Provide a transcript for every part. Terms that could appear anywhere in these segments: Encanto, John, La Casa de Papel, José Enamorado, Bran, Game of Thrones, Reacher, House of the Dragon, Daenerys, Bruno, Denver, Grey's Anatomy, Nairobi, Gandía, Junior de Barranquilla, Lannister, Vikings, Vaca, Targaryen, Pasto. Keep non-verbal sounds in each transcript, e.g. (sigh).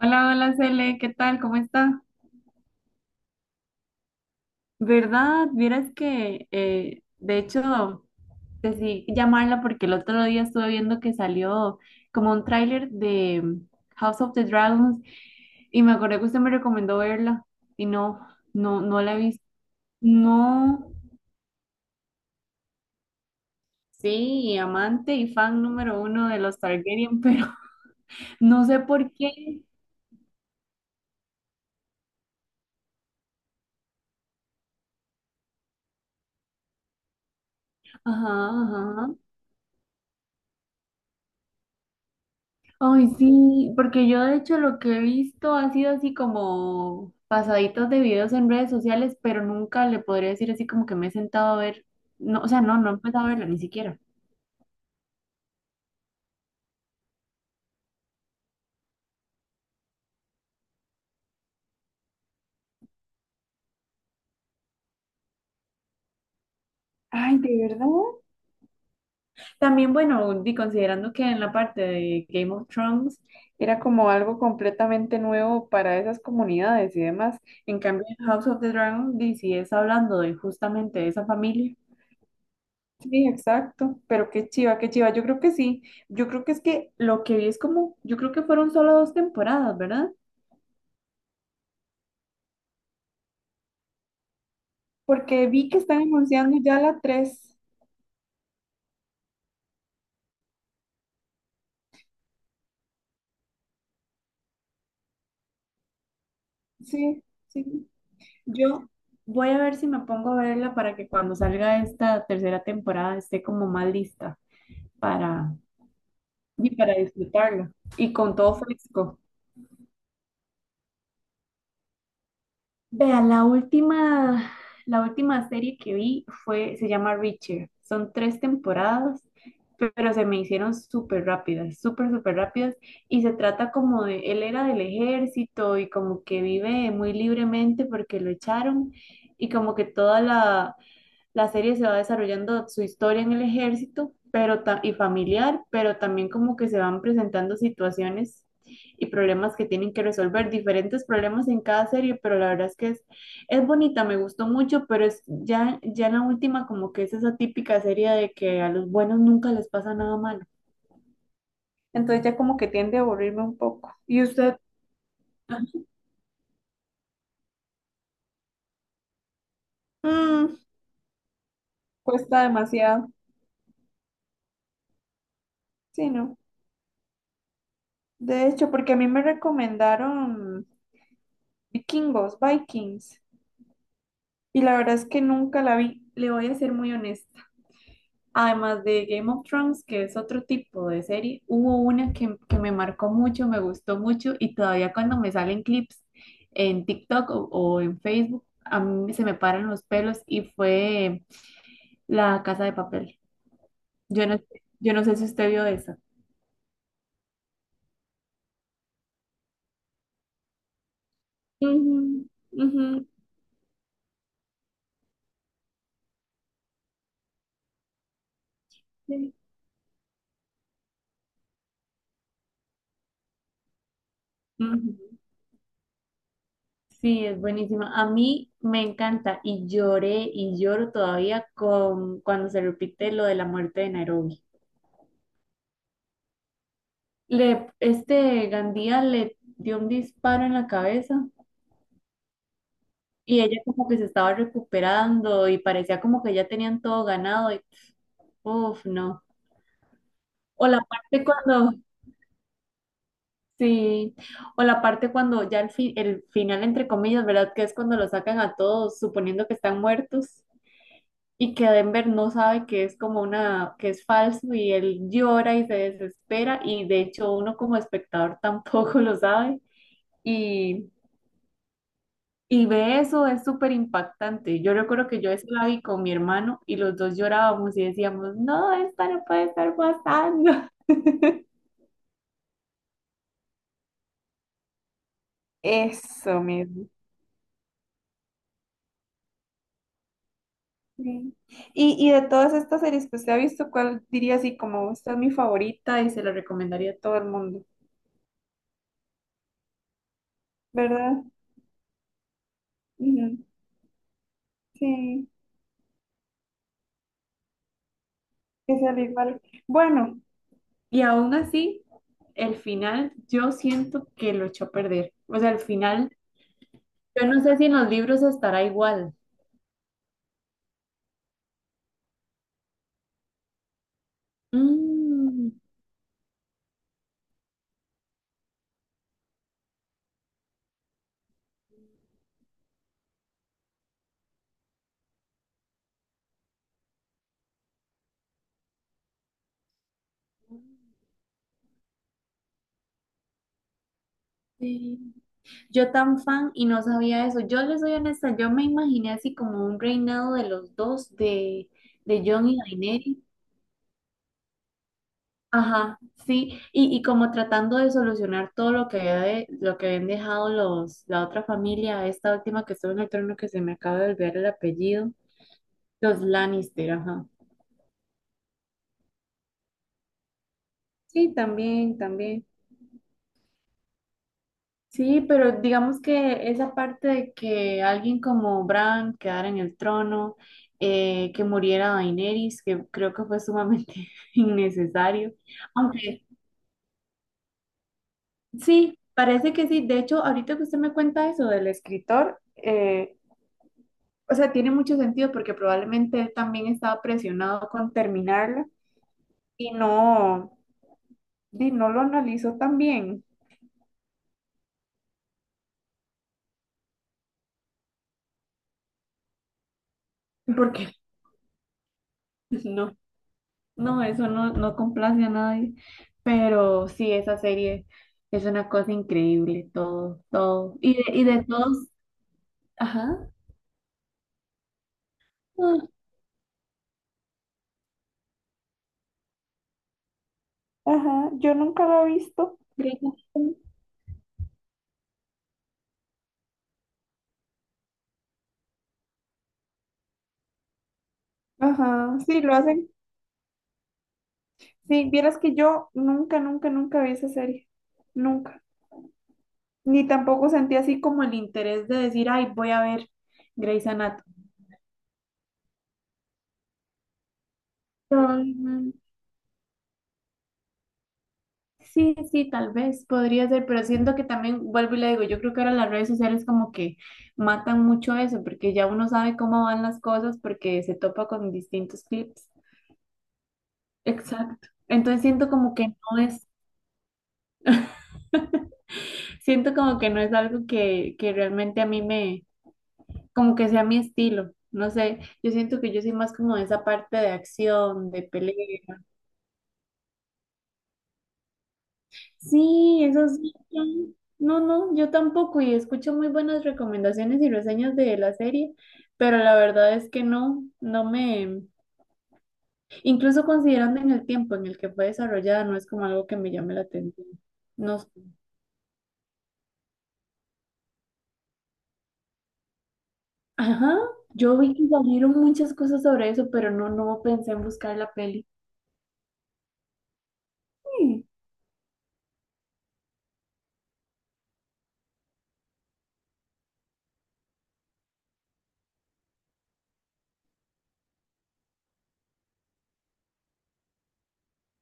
Hola, hola, Cele, ¿qué tal? ¿Cómo está? ¿Verdad? Vieras que, de hecho, decidí llamarla porque el otro día estuve viendo que salió como un tráiler de House of the Dragons y me acordé que usted me recomendó verla y no, no, no la he visto. No, sí, amante y fan número uno de los Targaryen, pero (laughs) no sé por qué. Ajá, ajá. Ay, sí, porque yo de hecho lo que he visto ha sido así como pasaditos de videos en redes sociales, pero nunca le podría decir así como que me he sentado a ver, no, o sea, no, no he empezado a verla ni siquiera. Ay, ¿de verdad? También, bueno, considerando que en la parte de Game of Thrones, era como algo completamente nuevo para esas comunidades y demás. En cambio en House of the Dragon, di, si es hablando de justamente de esa familia. Sí, exacto, pero qué chiva, yo creo que sí, yo creo que es que lo que vi es como, yo creo que fueron solo dos temporadas, ¿verdad? Porque vi que están anunciando ya la tres, sí, sí. Yo voy a ver si me pongo a verla para que cuando salga esta tercera temporada esté como más lista para, y para disfrutarla y con todo fresco. Vea la última serie que vi fue, se llama Reacher. Son tres temporadas, pero se me hicieron súper rápidas, súper, súper rápidas. Y se trata como de, él era del ejército y como que vive muy libremente porque lo echaron y como que toda la serie se va desarrollando su historia en el ejército, pero y familiar, pero también como que se van presentando situaciones y problemas que tienen que resolver, diferentes problemas en cada serie, pero la verdad es que es bonita, me gustó mucho, pero es ya, ya en la última como que es esa típica serie de que a los buenos nunca les pasa nada malo. Entonces ya como que tiende a aburrirme un poco. ¿Y usted? Mm, Cuesta demasiado. Sí, ¿no? De hecho, porque a mí me recomendaron Vikingos, Vikings. Y la verdad es que nunca la vi, le voy a ser muy honesta. Además de Game of Thrones, que es otro tipo de serie, hubo una que me marcó mucho, me gustó mucho y todavía cuando me salen clips en TikTok o en Facebook, a mí se me paran los pelos y fue La Casa de Papel. Yo no, yo no sé si usted vio esa. Ujú, sí, ujú. Sí, es buenísima. A mí me encanta y lloré y lloro todavía con cuando se repite lo de la muerte de Nairobi. Le, este Gandía le dio un disparo en la cabeza y ella como que se estaba recuperando y parecía como que ya tenían todo ganado y uff, no. O la parte cuando, sí, o la parte cuando ya el final entre comillas, ¿verdad? Que es cuando lo sacan a todos suponiendo que están muertos. Y que Denver no sabe que es como una, que es falso y él llora y se desespera y de hecho uno como espectador (laughs) tampoco lo sabe y, y ve eso, es súper impactante. Yo recuerdo que yo eso la vi con mi hermano y los dos llorábamos y decíamos, no, esta no puede estar pasando. (laughs) Eso mismo. Sí. Y de todas estas series que usted ha visto, ¿cuál diría así como esta es mi favorita y se la recomendaría a todo el mundo? ¿Verdad? Ujú. Sí. Es el igual. Bueno, y aún así, el final yo siento que lo echó a perder. O sea, el final, yo no sé si en los libros estará igual. Mm, sí. Yo tan fan y no sabía eso. Yo les soy honesta, yo me imaginé así como un reinado de los dos, de John y Daenerys. Ajá, sí, y como tratando de solucionar todo lo que habían dejado los, la otra familia, esta última que estuvo en el trono que se me acaba de olvidar el apellido. Los Lannister, ajá. Sí, también, también. Sí, pero digamos que esa parte de que alguien como Bran quedara en el trono, que muriera Daenerys, que creo que fue sumamente (laughs) innecesario. Aunque sí, parece que sí. De hecho, ahorita que usted me cuenta eso del escritor, o sea, tiene mucho sentido porque probablemente él también estaba presionado con terminarla y no, y no lo analizó tan bien, porque (laughs) no. No, eso no, no complace a nadie, pero sí, esa serie es una cosa increíble, todo, todo. Y de todos, ajá, ah, ajá, yo nunca lo he visto. Sí. Ajá, sí, lo hacen. Sí, vieras que yo nunca, nunca, nunca vi esa serie. Nunca. Ni tampoco sentí así como el interés de decir, ay, voy a ver Grey's Anatomy. No. Sí, sí, tal vez podría ser, pero siento que también, vuelvo y le digo, yo creo que ahora las redes sociales como que matan mucho eso, porque ya uno sabe cómo van las cosas porque se topa con distintos clips. Exacto. Entonces siento como que no es, (laughs) siento como que no es algo que realmente a mí me, como que sea mi estilo. No sé, yo siento que yo soy más como de esa parte de acción, de pelea. Sí, eso sí. No, no, yo tampoco y escucho muy buenas recomendaciones y reseñas de la serie, pero la verdad es que no, no me, incluso considerando en el tiempo en el que fue desarrollada, no es como algo que me llame la atención. No, sé. Ajá, yo vi que salieron muchas cosas sobre eso, pero no, no pensé en buscar la peli. Mm,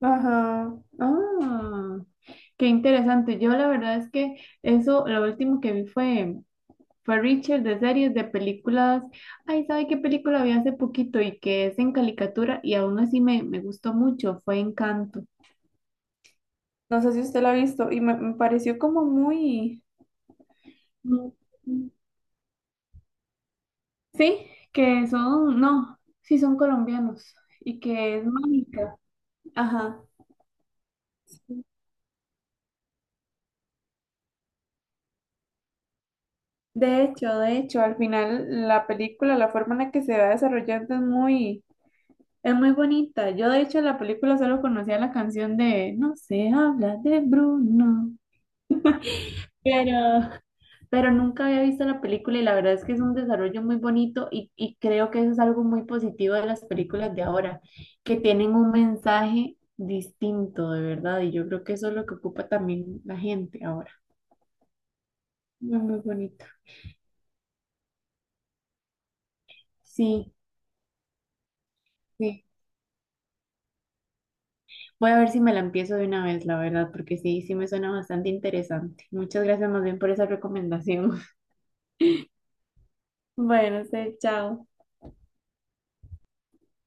ajá, ah, qué interesante. Yo la verdad es que eso, lo último que vi fue Richard de series, de películas. Ay, ¿sabe qué película vi hace poquito y que es en caricatura y aún así me gustó mucho? Fue Encanto. No sé si usted la ha visto y me pareció como muy... Mm, sí, que son, no, sí son colombianos y que es mágica. Ajá. De hecho, al final la película, la forma en la que se va desarrollando es muy bonita. Yo de hecho la película solo conocía la canción de No se habla de Bruno. Pero, pero nunca había visto la película y la verdad es que es un desarrollo muy bonito y creo que eso es algo muy positivo de las películas de ahora, que tienen un mensaje distinto de verdad y yo creo que eso es lo que ocupa también la gente ahora. Muy, muy bonito. Sí, sí. Voy a ver si me la empiezo de una vez, la verdad, porque sí, sí me suena bastante interesante. Muchas gracias más bien por esa recomendación. (laughs) Bueno, sí, chao.